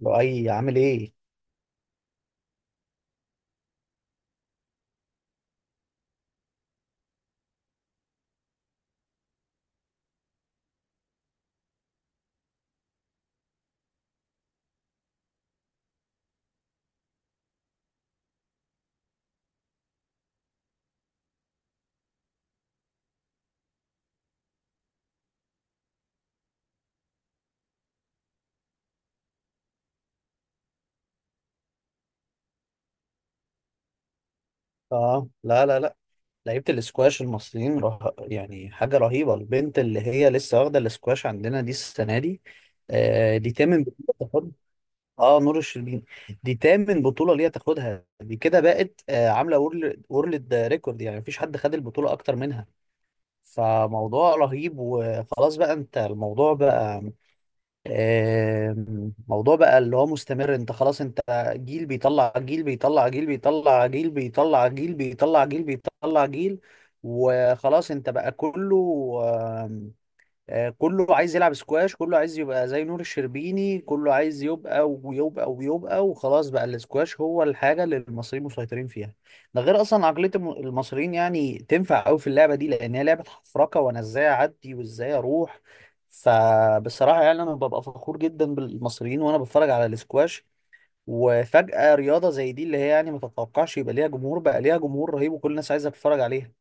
لؤي، عامل ايه؟ اه، لا لا لا. لعيبة الاسكواش المصريين يعني حاجة رهيبة. البنت اللي هي لسه واخدة الاسكواش عندنا دي السنة دي، دي تامن بطولة تاخدها. اه، نور الشربيني، دي تامن بطولة ليها تاخدها. دي كده بقت عاملة وورلد ريكورد، يعني مفيش حد خد البطولة أكتر منها. فموضوع رهيب. وخلاص بقى، انت الموضوع بقى موضوع بقى اللي هو مستمر. انت خلاص، انت جيل بيطلع جيل بيطلع جيل بيطلع جيل بيطلع جيل بيطلع جيل بيطلع جيل. وخلاص انت بقى كله، كله عايز يلعب سكواش، كله عايز يبقى زي نور الشربيني، كله عايز يبقى ويبقى ويبقى. وخلاص بقى السكواش هو الحاجة اللي المصريين مسيطرين فيها. ده غير أصلا عقلية المصريين، يعني تنفع أوي في اللعبة دي، لأن هي لعبة حفركة وأنا إزاي أعدي وإزاي أروح. فبصراحة يعني أنا ببقى فخور جدا بالمصريين وأنا بتفرج على السكواش. وفجأة رياضة زي دي، اللي هي يعني ما تتوقعش يبقى ليها جمهور، بقى ليها جمهور رهيب وكل الناس عايزة تتفرج عليها.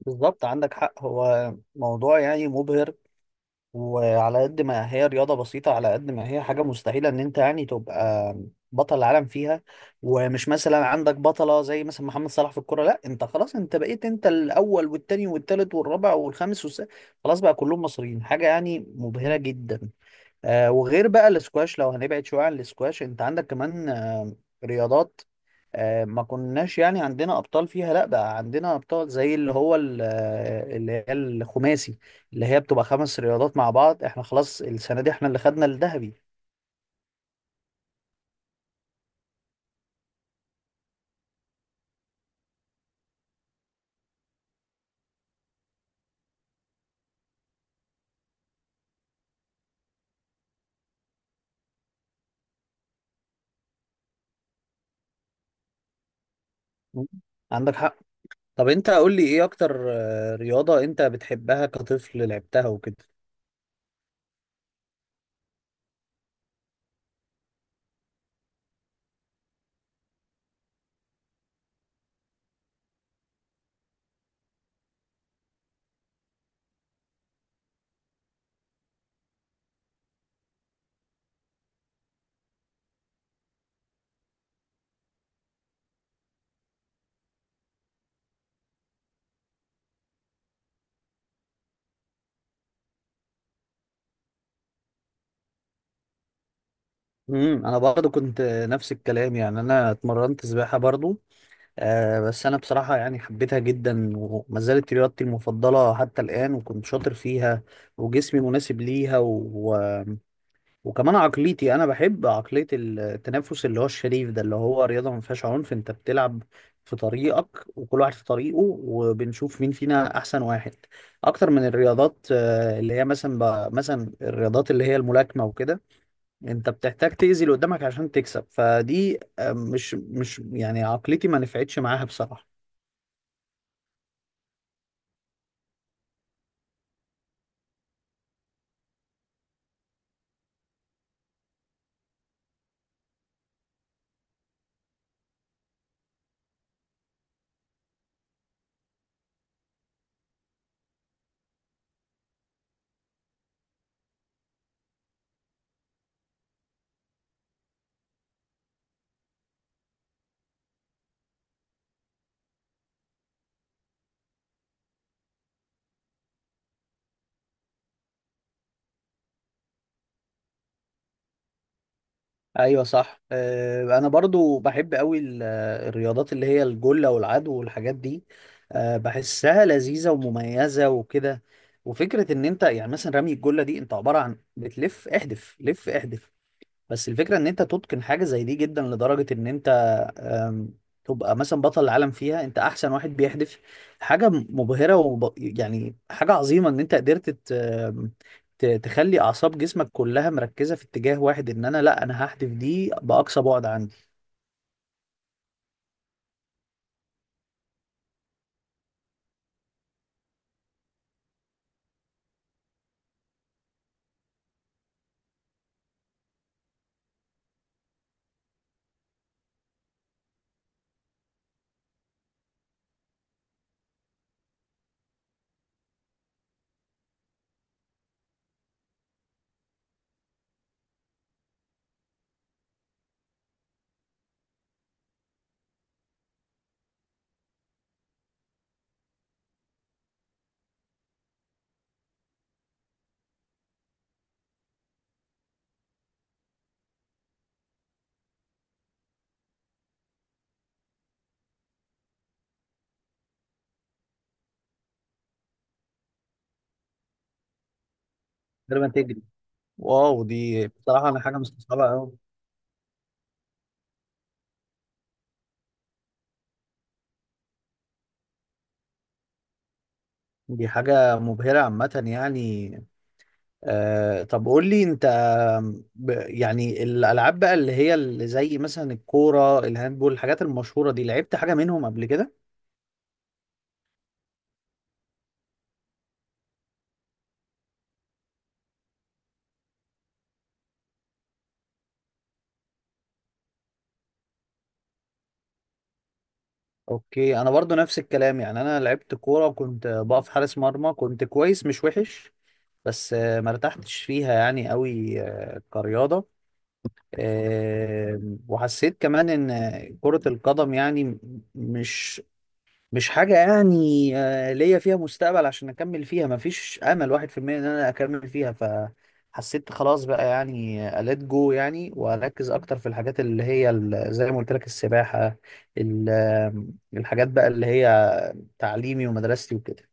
بالظبط، عندك حق. هو موضوع يعني مبهر. وعلى قد ما هي رياضة بسيطة، على قد ما هي حاجة مستحيلة ان انت يعني تبقى بطل العالم فيها. ومش مثلا عندك بطلة زي مثلا محمد صلاح في الكرة، لا انت خلاص، انت بقيت انت الاول والتاني والتالت والرابع والخامس والسادس. خلاص بقى كلهم مصريين، حاجة يعني مبهرة جدا. آه، وغير بقى الاسكواش، لو هنبعد شوية عن الاسكواش، انت عندك كمان رياضات، ما كناش يعني عندنا ابطال فيها، لا بقى عندنا ابطال زي اللي هو اللي هي الخماسي، اللي هي بتبقى خمس رياضات مع بعض. احنا خلاص السنة دي احنا اللي خدنا الذهبي. مم. عندك حق. طب انت قول لي، ايه اكتر رياضة انت بتحبها كطفل لعبتها وكده؟ انا برضو كنت نفس الكلام، يعني انا اتمرنت سباحة برضو. بس أنا بصراحة يعني حبيتها جدا، وما زالت رياضتي المفضلة حتى الآن، وكنت شاطر فيها وجسمي مناسب ليها وكمان عقليتي أنا بحب عقلية التنافس اللي هو الشريف ده، اللي هو رياضة ما فيهاش عنف. أنت بتلعب في طريقك وكل واحد في طريقه، وبنشوف مين فينا أحسن واحد. أكتر من الرياضات اللي هي مثلا مثلا الرياضات اللي هي الملاكمة وكده، أنت بتحتاج تأذي اللي قدامك عشان تكسب، فدي مش يعني عقليتي، ما نفعتش معاها بصراحة. ايوه صح. انا برضو بحب قوي الرياضات اللي هي الجله والعدو والحاجات دي. بحسها لذيذه ومميزه وكده. وفكره ان انت يعني مثلا رمي الجله دي، انت عباره عن بتلف احدف، لف احدف. بس الفكرة ان انت تتقن حاجة زي دي جدا، لدرجة ان انت أم، تبقى مثلا بطل العالم فيها، انت احسن واحد بيحدف. حاجة مبهرة، يعني حاجة عظيمة ان انت قدرت تخلي اعصاب جسمك كلها مركزة في اتجاه واحد، ان انا لا، انا هحدف دي باقصى بعد عندي. غير ما تجري، واو، دي بصراحة انا حاجة مستصعبة قوي. دي حاجة مبهرة عامة يعني. طب قول لي انت، يعني الالعاب بقى اللي هي اللي زي مثلا الكوره، الهاندبول، الحاجات المشهوره دي، لعبت حاجه منهم قبل كده؟ اوكي. انا برضو نفس الكلام، يعني انا لعبت كوره وكنت بقف حارس مرمى، كنت كويس مش وحش. بس ما ارتحتش فيها يعني قوي كرياضه. آه، وحسيت كمان ان كره القدم يعني مش مش حاجة يعني ليا فيها مستقبل عشان أكمل فيها، مفيش أمل واحد في المية إن أنا أكمل فيها. فحسيت خلاص بقى يعني، أليت جو يعني وأركز أكتر في الحاجات اللي هي زي ما قلت لك السباحة، ال- آم، الحاجات بقى اللي هي تعليمي ومدرستي وكده.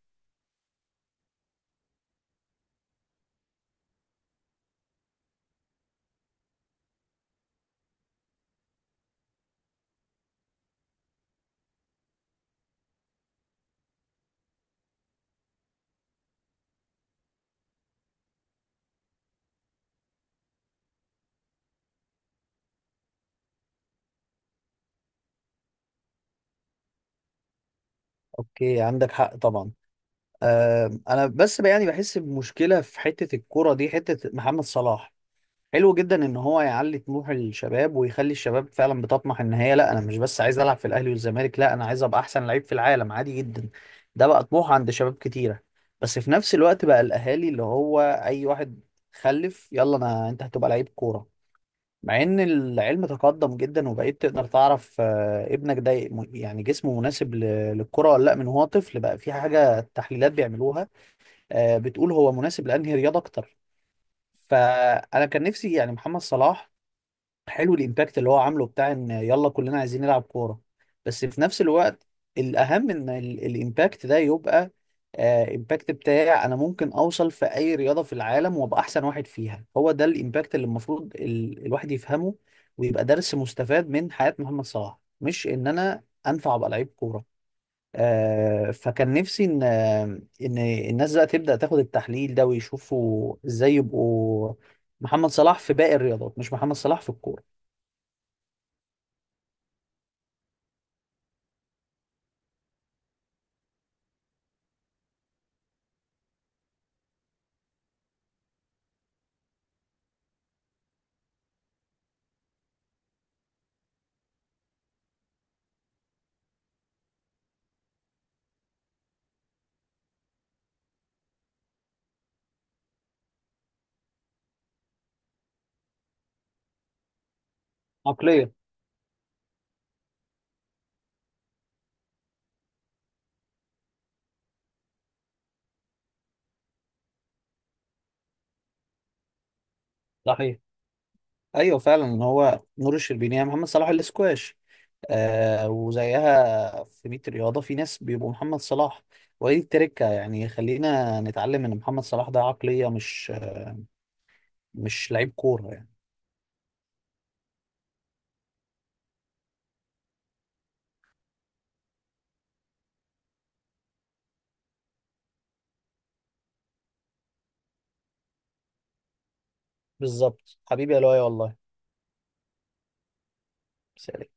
أوكي، عندك حق طبعا. أنا بس بقى يعني بحس بمشكلة في حتة الكرة دي، حتة محمد صلاح. حلو جدا ان هو يعلي طموح الشباب، ويخلي الشباب فعلا بتطمح ان هي لا، انا مش بس عايز العب في الاهلي والزمالك، لا انا عايز ابقى احسن لعيب في العالم عادي جدا. ده بقى طموح عند شباب كتيره. بس في نفس الوقت بقى، الاهالي اللي هو اي واحد خلف، يلا انا انت هتبقى لعيب كوره. مع ان العلم تقدم جدا، وبقيت تقدر تعرف ابنك ده يعني جسمه مناسب للكره ولا لا، من هو طفل. بقى في حاجه تحليلات بيعملوها بتقول هو مناسب لانهي رياضه اكتر. فانا كان نفسي يعني محمد صلاح، حلو الامباكت اللي هو عامله، بتاع ان يلا كلنا عايزين نلعب كوره. بس في نفس الوقت، الاهم ان الامباكت ده يبقى امباكت بتاعي انا، ممكن اوصل في اي رياضه في العالم وابقى احسن واحد فيها. هو ده الامباكت اللي المفروض الواحد يفهمه ويبقى درس مستفاد من حياه محمد صلاح، مش ان انا انفع ابقى لعيب كوره. فكان نفسي ان ان الناس بقى تبدا تاخد التحليل ده، ويشوفوا ازاي يبقوا محمد صلاح في باقي الرياضات، مش محمد صلاح في الكوره. عقلية. صحيح. ايوه فعلا هو نور الشربيني يا محمد صلاح الاسكواش. آه، وزيها في 100 رياضة، في ناس بيبقوا محمد صلاح. ودي التركة، يعني خلينا نتعلم ان محمد صلاح ده عقلية، مش لعيب كورة يعني. بالظبط حبيبي يا لؤي والله. سلام.